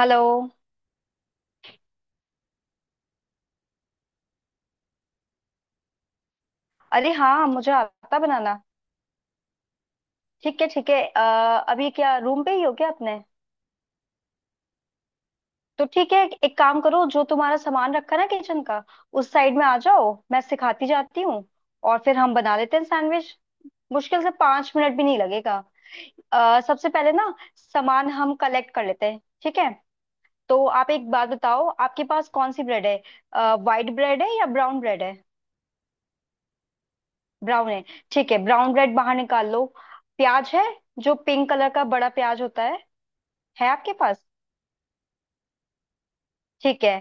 Hello. अरे हाँ, मुझे आता बनाना। ठीक है ठीक है। अभी क्या रूम पे ही हो क्या अपने? तो ठीक है। एक काम करो, जो तुम्हारा सामान रखा ना किचन का, उस साइड में आ जाओ, मैं सिखाती जाती हूँ। और फिर हम बना लेते हैं सैंडविच। मुश्किल से 5 मिनट भी नहीं लगेगा। सबसे पहले ना सामान हम कलेक्ट कर लेते हैं, ठीक है। तो आप एक बात बताओ, आपके पास कौन सी ब्रेड है, वाइट ब्रेड है या ब्राउन ब्रेड है? ब्राउन है? ठीक है, ब्राउन ब्रेड बाहर निकाल लो। प्याज है? जो पिंक कलर का बड़ा प्याज होता है। है आपके पास? ठीक है।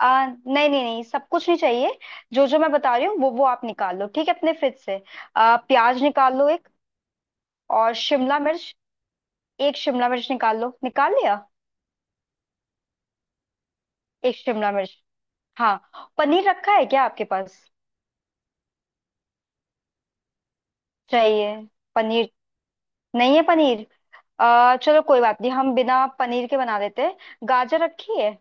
नहीं नहीं नहीं, सब कुछ नहीं चाहिए। जो जो मैं बता रही हूँ, वो आप निकाल लो, ठीक है, अपने फ्रिज से। प्याज निकाल लो एक। और शिमला मिर्च, एक शिमला मिर्च निकाल लो, निकाल लिया? एक शिमला मिर्च। हाँ, पनीर रखा है क्या आपके पास? चाहिए पनीर। नहीं है पनीर? चलो कोई बात नहीं, हम बिना पनीर के बना देते हैं। गाजर रखी है?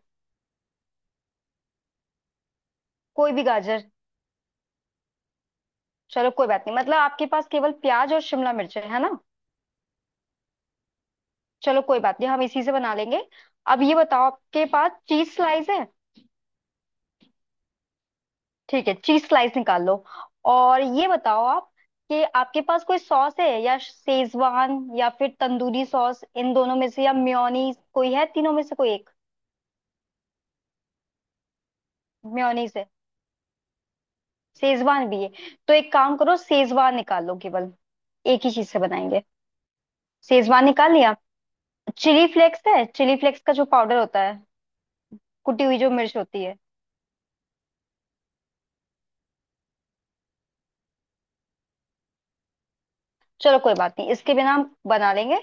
कोई भी गाजर। चलो कोई बात नहीं, मतलब आपके पास केवल प्याज और शिमला मिर्च है ना? चलो कोई बात नहीं, हम इसी से बना लेंगे। अब ये बताओ, आपके पास चीज स्लाइस है? ठीक है, चीज स्लाइस निकाल लो। और ये बताओ आप कि आपके पास कोई सॉस है या शेजवान या फिर तंदूरी सॉस, इन दोनों में से, या मेयोनीज, कोई है तीनों में से कोई एक? मेयोनीज है, शेजवान भी है। तो एक काम करो, शेजवान निकाल लो केवल, एक ही चीज से बनाएंगे। शेजवान निकाल लिया? चिली फ्लेक्स है? चिली फ्लेक्स का जो पाउडर होता है, कुटी हुई जो मिर्च होती है। चलो कोई बात नहीं, इसके बिना हम बना लेंगे।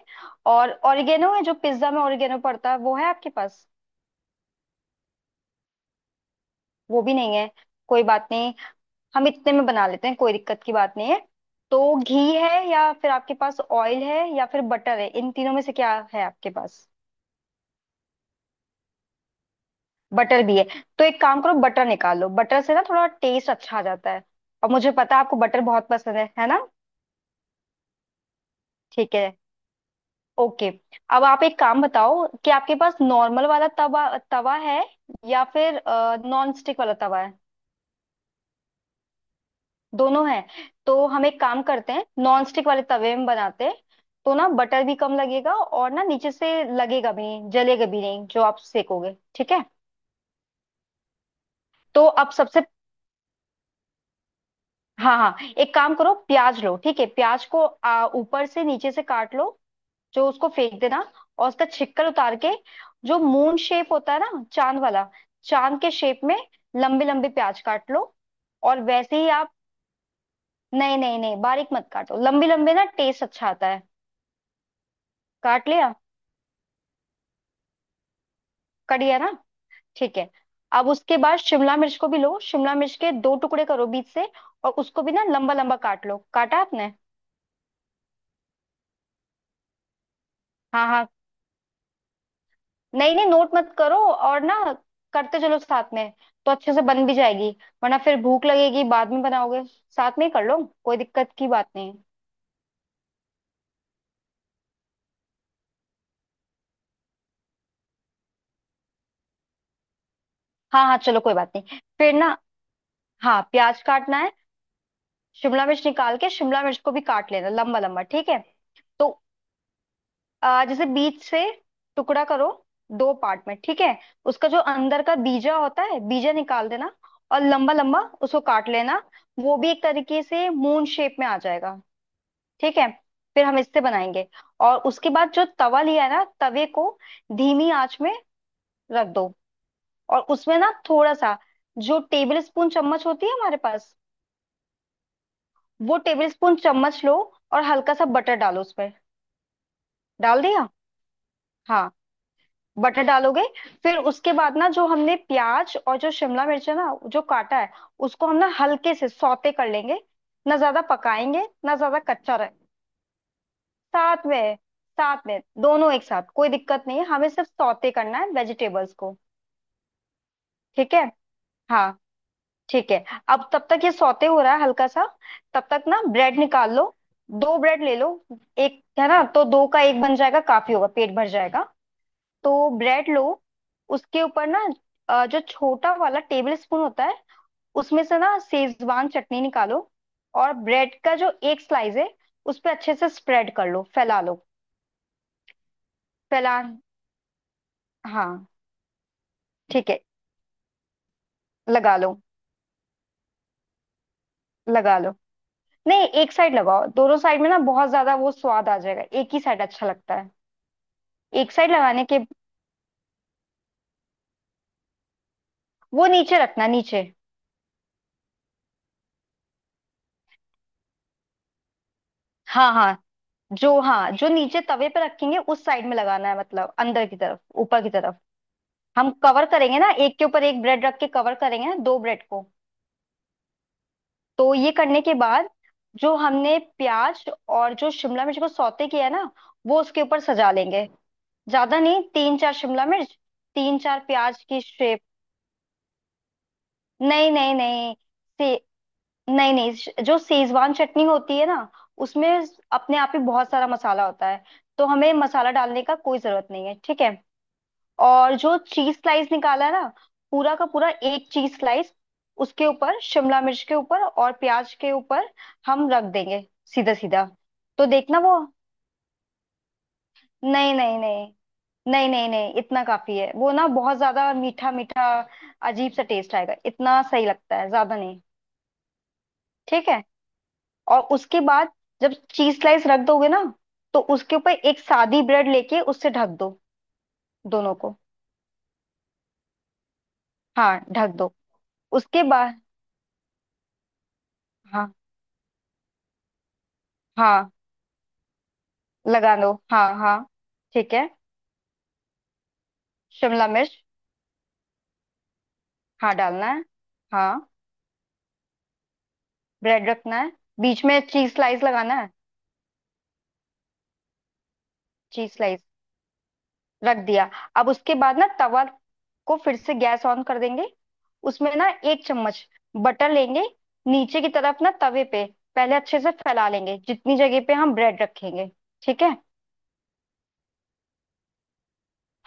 और ऑरिगेनो है? जो पिज्जा में ऑरिगेनो पड़ता है वो, है आपके पास? वो भी नहीं है? कोई बात नहीं, हम इतने में बना लेते हैं, कोई दिक्कत की बात नहीं है। तो घी है या फिर आपके पास ऑयल है या फिर बटर है, इन तीनों में से क्या है आपके पास? बटर भी है? तो एक काम करो, बटर निकाल लो, बटर से ना थोड़ा टेस्ट अच्छा आ जाता है। और मुझे पता है आपको बटर बहुत पसंद है ना? ठीक है, ओके। अब आप एक काम बताओ कि आपके पास नॉर्मल वाला तवा तवा है या फिर नॉन स्टिक वाला तवा है? दोनों है? तो हम एक काम करते हैं, नॉन स्टिक वाले तवे में बनाते हैं तो ना, बटर भी कम लगेगा और ना नीचे से लगेगा भी नहीं, जलेगा भी नहीं जो आप सेकोगे, ठीक है। तो अब सबसे, हाँ हाँ, एक काम करो, प्याज लो, ठीक है। प्याज को ऊपर से नीचे से काट लो, जो उसको फेंक देना। और उसका छिक्कर उतार के, जो मून शेप होता है ना, चांद वाला, चांद के शेप में लंबे लंबे प्याज काट लो। और वैसे ही आप, नहीं नहीं नहीं, बारीक मत काटो, लंबे लंबे ना टेस्ट अच्छा आता है। काट लिया? कट गया ना? ठीक है। अब उसके बाद शिमला मिर्च को भी लो, शिमला मिर्च के दो टुकड़े करो बीच से और उसको भी ना लंबा लंबा काट लो। काटा आपने? हाँ हाँ, नहीं नहीं, नोट मत करो और ना, करते चलो साथ में तो अच्छे से बन भी जाएगी। वरना फिर भूख लगेगी, बाद में बनाओगे, साथ में ही कर लो, कोई दिक्कत की बात नहीं है। हाँ हाँ, चलो कोई बात नहीं फिर ना। हाँ, प्याज काटना है, शिमला मिर्च निकाल के शिमला मिर्च को भी काट लेना लंबा लंबा, ठीक है। तो जैसे बीच से टुकड़ा करो, दो पार्ट में, ठीक है। उसका जो अंदर का बीजा होता है, बीजा निकाल देना और लंबा लंबा उसको काट लेना। वो भी एक तरीके से मून शेप में आ जाएगा, ठीक है। फिर हम इससे बनाएंगे। और उसके बाद जो तवा लिया है ना, तवे को धीमी आंच में रख दो। और उसमें ना थोड़ा सा, जो टेबल स्पून चम्मच होती है हमारे पास, वो टेबल स्पून चम्मच लो और हल्का सा बटर डालो उसमें। डाल दिया? हाँ, बटर डालोगे, फिर उसके बाद ना जो हमने प्याज और जो शिमला मिर्च है ना, जो काटा है, उसको हम ना हल्के से सौते कर लेंगे, ना ज्यादा पकाएंगे, ना ज्यादा कच्चा। साथ में, साथ में दोनों एक साथ, कोई दिक्कत नहीं है, हमें सिर्फ सौते करना है वेजिटेबल्स को। ठीक है। हाँ, ठीक है। अब तब तक ये सौते हो रहा है हल्का सा, तब तक ना ब्रेड निकाल लो, दो ब्रेड ले लो। एक है ना, तो दो का एक बन जाएगा, काफी होगा, पेट भर जाएगा। तो ब्रेड लो, उसके ऊपर ना, जो छोटा वाला टेबल स्पून होता है, उसमें से ना सेजवान चटनी निकालो और ब्रेड का जो एक स्लाइस है उस पर अच्छे से स्प्रेड कर लो, फैला लो। फैला? हाँ, ठीक है। लगा लो, लगा लो। नहीं, एक साइड लगाओ, दोनों साइड में ना बहुत ज्यादा वो स्वाद आ जाएगा, एक ही साइड अच्छा लगता है। एक साइड लगाने के, वो नीचे रखना, नीचे। हाँ हाँ, जो नीचे तवे पे रखेंगे उस साइड में लगाना है, मतलब अंदर की तरफ, ऊपर की तरफ। हम कवर करेंगे ना, एक के ऊपर एक ब्रेड रख के कवर करेंगे ना, दो ब्रेड को। तो ये करने के बाद, जो हमने प्याज और जो शिमला मिर्च को सौते किया है ना, वो उसके ऊपर सजा लेंगे, ज्यादा नहीं, तीन चार शिमला मिर्च, तीन चार प्याज की। नहीं नहीं नहीं से, नहीं नहीं, जो सेजवान चटनी होती है ना, उसमें अपने आप ही बहुत सारा मसाला होता है, तो हमें मसाला डालने का कोई जरूरत नहीं है, ठीक है। और जो चीज स्लाइस निकाला है ना, पूरा का पूरा एक चीज स्लाइस उसके ऊपर, शिमला मिर्च के ऊपर और प्याज के ऊपर हम रख देंगे सीधा सीधा। तो देखना वो, नहीं नहीं नहीं, नहीं नहीं नहीं, इतना काफी है, वो ना बहुत ज्यादा मीठा मीठा अजीब सा टेस्ट आएगा, इतना सही लगता है, ज्यादा नहीं। ठीक है। और उसके बाद जब चीज स्लाइस रख दोगे ना, तो उसके ऊपर एक सादी ब्रेड लेके उससे ढक दो दोनों को। हाँ, ढक दो उसके बाद। हाँ हाँ, लगा दो। हाँ हाँ, ठीक है। शिमला मिर्च, हाँ डालना है। हाँ, ब्रेड रखना है, बीच में चीज स्लाइस लगाना है। चीज स्लाइस रख दिया। अब उसके बाद ना तवा को फिर से गैस ऑन कर देंगे, उसमें ना एक चम्मच बटर लेंगे, नीचे की तरफ ना तवे पे पहले अच्छे से फैला लेंगे, जितनी जगह पे हम ब्रेड रखेंगे, ठीक है।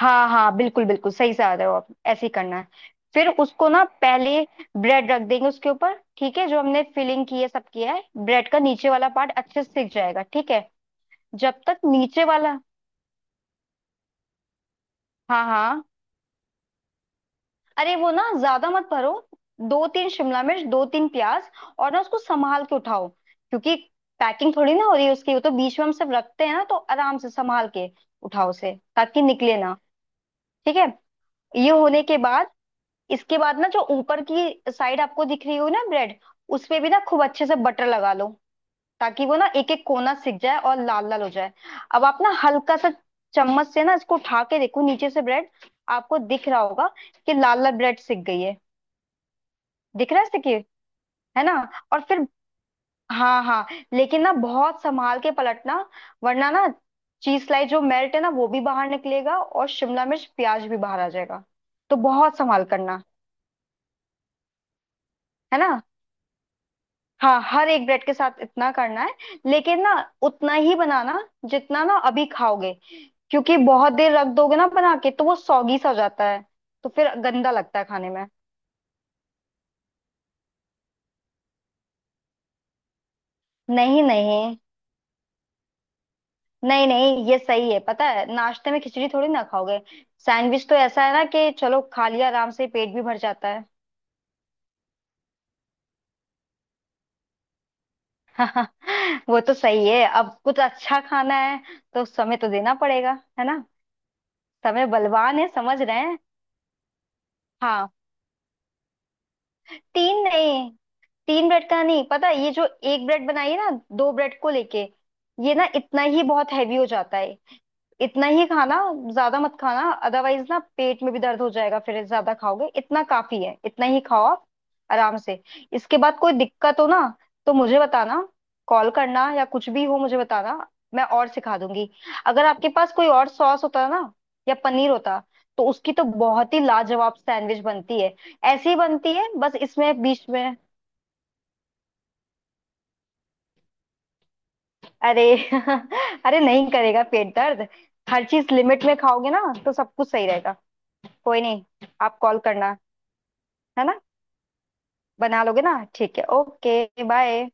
हाँ हाँ, बिल्कुल बिल्कुल सही से आ रहे हो आप, ऐसे ही करना है। फिर उसको ना पहले ब्रेड रख देंगे उसके ऊपर, ठीक है। जो हमने फिलिंग की है, सब किया है, ब्रेड का नीचे वाला पार्ट अच्छे से सिक जाएगा, ठीक है। जब तक नीचे वाला, हाँ हाँ, अरे वो ना ज्यादा मत भरो, दो तीन शिमला मिर्च, दो तीन प्याज, और ना उसको संभाल के उठाओ क्योंकि पैकिंग थोड़ी ना हो रही है उसकी, वो तो बीच में हम सब रखते हैं ना, तो आराम से संभाल के उठाओ उसे, ताकि निकले ना। ठीक है। ये होने के बाद, इसके बाद ना जो ऊपर की साइड आपको दिख रही हो ना ब्रेड, उसपे भी ना खूब अच्छे से बटर लगा लो, ताकि वो ना एक एक कोना सिक जाए और लाल लाल हो जाए। अब आप ना हल्का सा चम्मच से ना इसको उठा के देखो, नीचे से ब्रेड आपको दिख रहा होगा कि लाल लाल ब्रेड सिक गई है, दिख रहा है सिक्के, है ना? और फिर, हाँ हाँ, लेकिन ना बहुत संभाल के पलटना, वरना ना चीज लाई जो मेल्ट है ना वो भी बाहर निकलेगा और शिमला मिर्च प्याज भी बाहर आ जाएगा, तो बहुत संभाल करना, है ना? हाँ, हर एक ब्रेड के साथ इतना करना है। लेकिन ना, उतना ही बनाना जितना ना अभी खाओगे, क्योंकि बहुत देर रख दोगे ना बना के तो वो सौगी सा हो जाता है, तो फिर गंदा लगता है खाने में। नहीं नहीं, नहीं नहीं ये सही है, पता है नाश्ते में खिचड़ी थोड़ी ना खाओगे, सैंडविच तो ऐसा है ना कि चलो खा लिया, आराम से पेट भी भर जाता है। वो तो सही है, अब कुछ अच्छा खाना है तो समय तो देना पड़ेगा, है ना? समय बलवान है, समझ रहे हैं। हाँ, तीन नहीं, तीन ब्रेड का नहीं, पता है, ये जो एक ब्रेड बनाई है ना, दो ब्रेड को लेके, ये ना इतना ही बहुत हैवी हो जाता है, इतना ही खाना, ज्यादा मत खाना, अदरवाइज ना पेट में भी दर्द हो जाएगा फिर ज्यादा खाओगे, इतना काफी है, इतना ही खाओ आप आराम से। इसके बाद कोई दिक्कत हो ना, तो मुझे बताना, कॉल करना या कुछ भी हो मुझे बताना, मैं और सिखा दूंगी। अगर आपके पास कोई और सॉस होता ना, या पनीर होता, तो उसकी तो बहुत ही लाजवाब सैंडविच बनती है, ऐसी ही बनती है बस इसमें बीच में। अरे, अरे नहीं करेगा पेट दर्द, हर चीज लिमिट में खाओगे ना तो सब कुछ सही रहेगा। कोई नहीं, आप कॉल करना, है ना, बना लोगे ना? ठीक है, ओके बाय।